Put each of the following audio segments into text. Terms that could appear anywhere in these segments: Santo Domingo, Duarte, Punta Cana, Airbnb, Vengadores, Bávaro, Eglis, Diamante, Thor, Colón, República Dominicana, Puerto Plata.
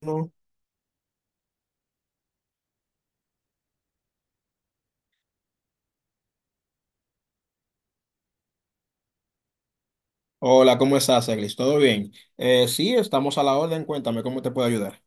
No. Hola, ¿cómo estás, Eglis? ¿Todo bien? Sí, estamos a la orden. Cuéntame cómo te puedo ayudar.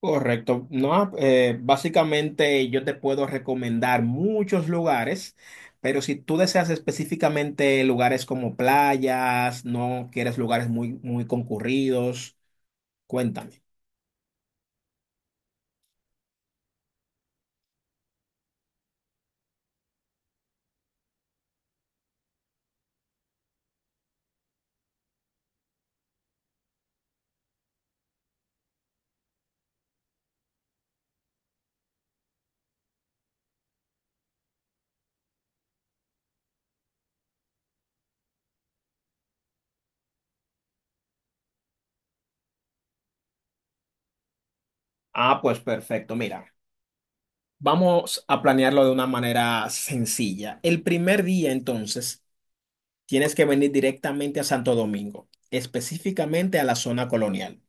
Correcto. No, básicamente yo te puedo recomendar muchos lugares, pero si tú deseas específicamente lugares como playas, no quieres lugares muy, muy concurridos, cuéntame. Ah, pues perfecto. Mira, vamos a planearlo de una manera sencilla. El primer día, entonces, tienes que venir directamente a Santo Domingo, específicamente a la zona colonial.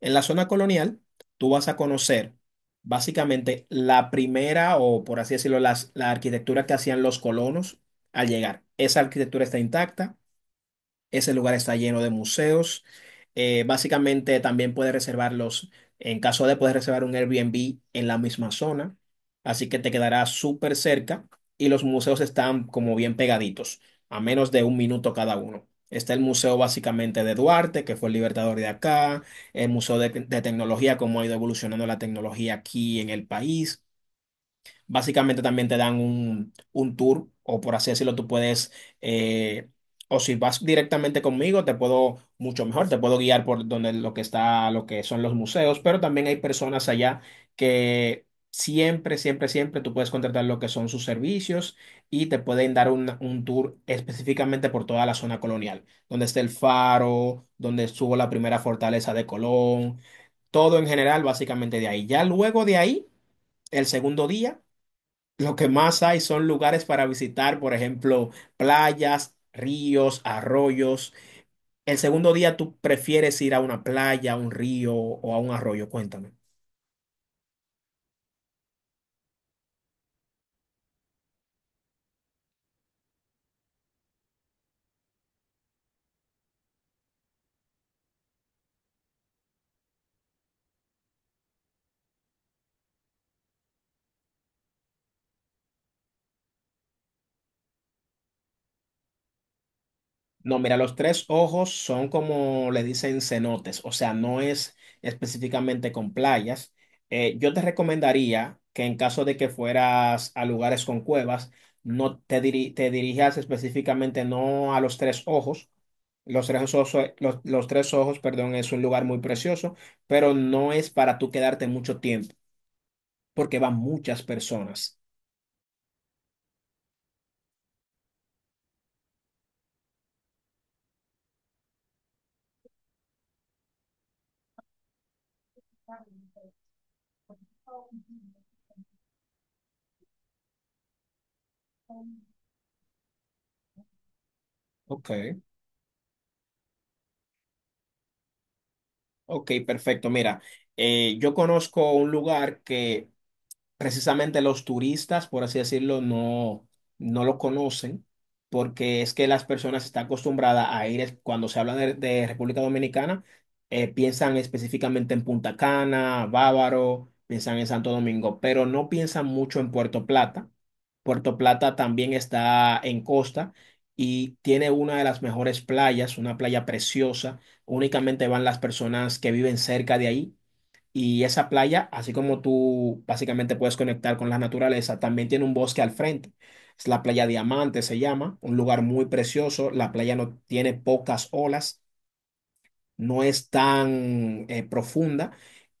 En la zona colonial, tú vas a conocer básicamente la primera o, por así decirlo, la arquitectura que hacían los colonos al llegar. Esa arquitectura está intacta. Ese lugar está lleno de museos. Básicamente también puedes reservarlos, en caso de poder reservar un Airbnb en la misma zona, así que te quedará súper cerca y los museos están como bien pegaditos, a menos de un minuto cada uno. Está el museo básicamente de Duarte, que fue el libertador de acá, el museo de tecnología, cómo ha ido evolucionando la tecnología aquí en el país. Básicamente también te dan un tour, o por así decirlo, tú puedes, eh, o si vas directamente conmigo, te puedo mucho mejor, te puedo guiar por donde lo que está, lo que son los museos, pero también hay personas allá que siempre, siempre, siempre tú puedes contratar lo que son sus servicios y te pueden dar un tour específicamente por toda la zona colonial, donde está el faro, donde estuvo la primera fortaleza de Colón, todo en general, básicamente de ahí. Ya luego de ahí, el segundo día. Lo que más hay son lugares para visitar, por ejemplo, playas, ríos, arroyos. El segundo día tú prefieres ir a una playa, a un río o a un arroyo, cuéntame. No, mira, los tres ojos son como le dicen cenotes, o sea, no es específicamente con playas. Yo te recomendaría que en caso de que fueras a lugares con cuevas, no te, diri- te dirijas específicamente no a los tres ojos. Los tres ojos, los tres ojos, perdón, es un lugar muy precioso, pero no es para tú quedarte mucho tiempo, porque van muchas personas. Ok, ok, perfecto. Mira, yo conozco un lugar que precisamente los turistas, por así decirlo, no, no lo conocen, porque es que las personas están acostumbradas a ir, cuando se habla de República Dominicana, piensan específicamente en Punta Cana, Bávaro, piensan en Santo Domingo, pero no piensan mucho en Puerto Plata. Puerto Plata también está en costa y tiene una de las mejores playas, una playa preciosa. Únicamente van las personas que viven cerca de ahí y esa playa, así como tú básicamente puedes conectar con la naturaleza, también tiene un bosque al frente. Es la playa Diamante, se llama, un lugar muy precioso. La playa no tiene pocas olas, no es tan profunda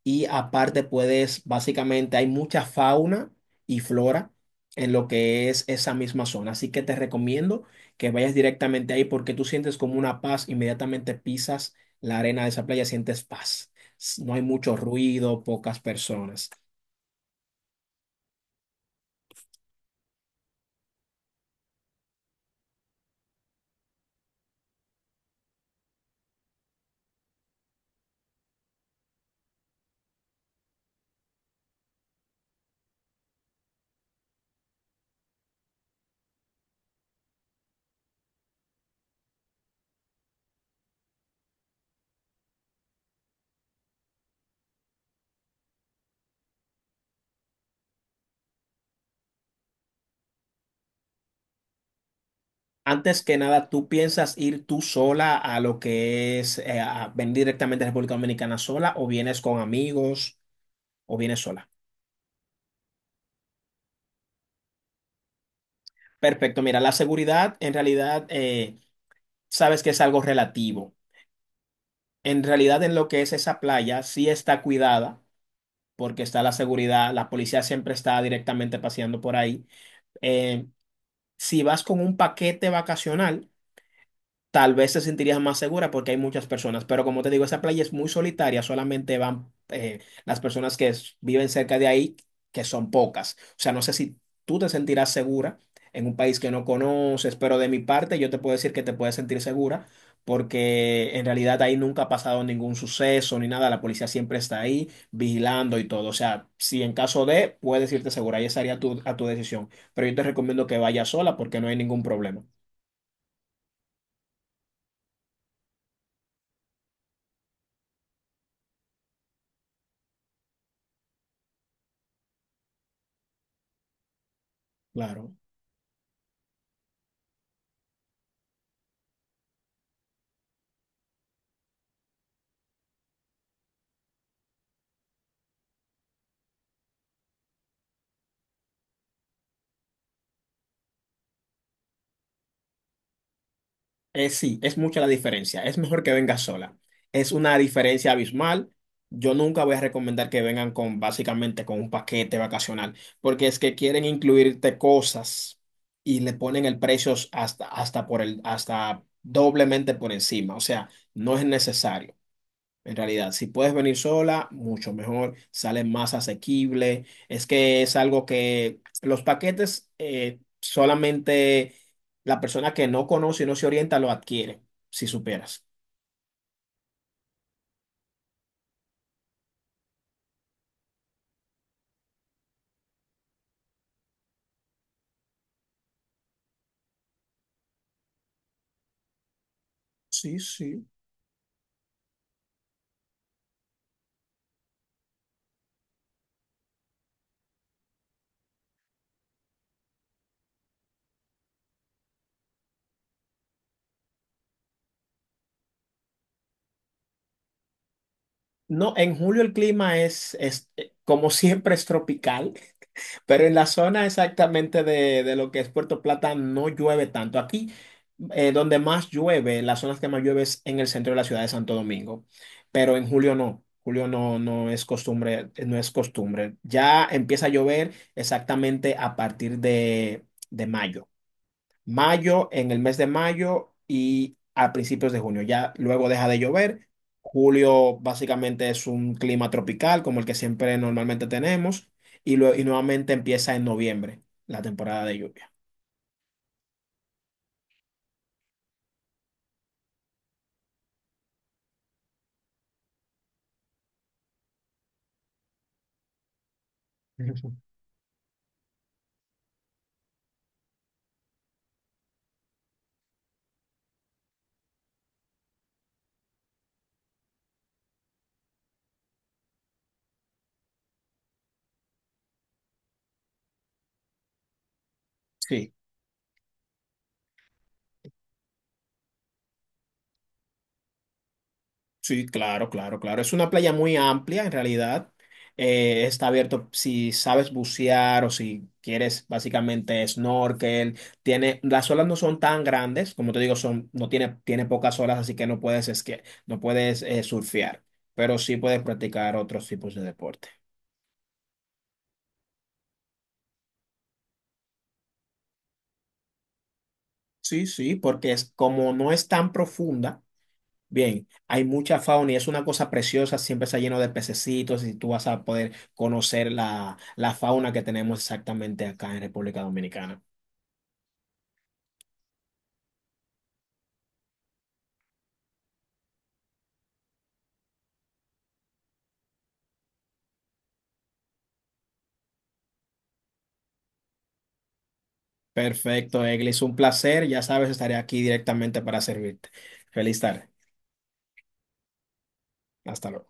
y aparte puedes, básicamente hay mucha fauna y flora en lo que es esa misma zona. Así que te recomiendo que vayas directamente ahí porque tú sientes como una paz, inmediatamente pisas la arena de esa playa, sientes paz. No hay mucho ruido, pocas personas. Antes que nada, ¿tú piensas ir tú sola a lo que es a venir directamente a República Dominicana sola o vienes con amigos o vienes sola? Perfecto, mira, la seguridad en realidad sabes que es algo relativo. En realidad en lo que es esa playa sí está cuidada porque está la seguridad, la policía siempre está directamente paseando por ahí. Eh, si vas con un paquete vacacional, tal vez te sentirías más segura porque hay muchas personas, pero como te digo, esa playa es muy solitaria, solamente van las personas que viven cerca de ahí, que son pocas. O sea, no sé si tú te sentirás segura en un país que no conoces, pero de mi parte yo te puedo decir que te puedes sentir segura porque en realidad ahí nunca ha pasado ningún suceso ni nada, la policía siempre está ahí vigilando y todo. O sea, si en caso de, puedes irte segura, ahí estaría a tu decisión, pero yo te recomiendo que vayas sola porque no hay ningún problema. Claro. Sí, es mucha la diferencia. Es mejor que venga sola. Es una diferencia abismal. Yo nunca voy a recomendar que vengan con básicamente con un paquete vacacional, porque es que quieren incluirte cosas y le ponen el precio hasta por el, hasta doblemente por encima. O sea, no es necesario. En realidad, si puedes venir sola, mucho mejor, sale más asequible. Es que es algo que los paquetes solamente la persona que no conoce y no se orienta lo adquiere, si superas. Sí, sí. No, en julio el clima es como siempre, es tropical. Pero en la zona exactamente de lo que es Puerto Plata no llueve tanto. Aquí, donde más llueve, las zonas que más llueve es en el centro de la ciudad de Santo Domingo. Pero en julio no. Julio no, no es costumbre, no es costumbre. Ya empieza a llover exactamente a partir de mayo, en el mes de mayo y a principios de junio. Ya luego deja de llover. Julio básicamente es un clima tropical como el que siempre normalmente tenemos y, y nuevamente empieza en noviembre la temporada de lluvia. Sí. Sí, claro, claro, claro. Es una playa muy amplia en realidad. Está abierto si sabes bucear o si quieres básicamente snorkel. Tiene, las olas no son tan grandes, como te digo, son, no tiene, tiene pocas olas, así que no puedes esquiar, no puedes surfear, pero sí puedes practicar otros tipos de deporte. Sí, sí, porque es como no es tan profunda. Bien, hay mucha fauna y es una cosa preciosa, siempre está lleno de pececitos y tú vas a poder conocer la fauna que tenemos exactamente acá en República Dominicana. Perfecto, Eglis, un placer, ya sabes, estaré aquí directamente para servirte. Feliz tarde, hasta luego.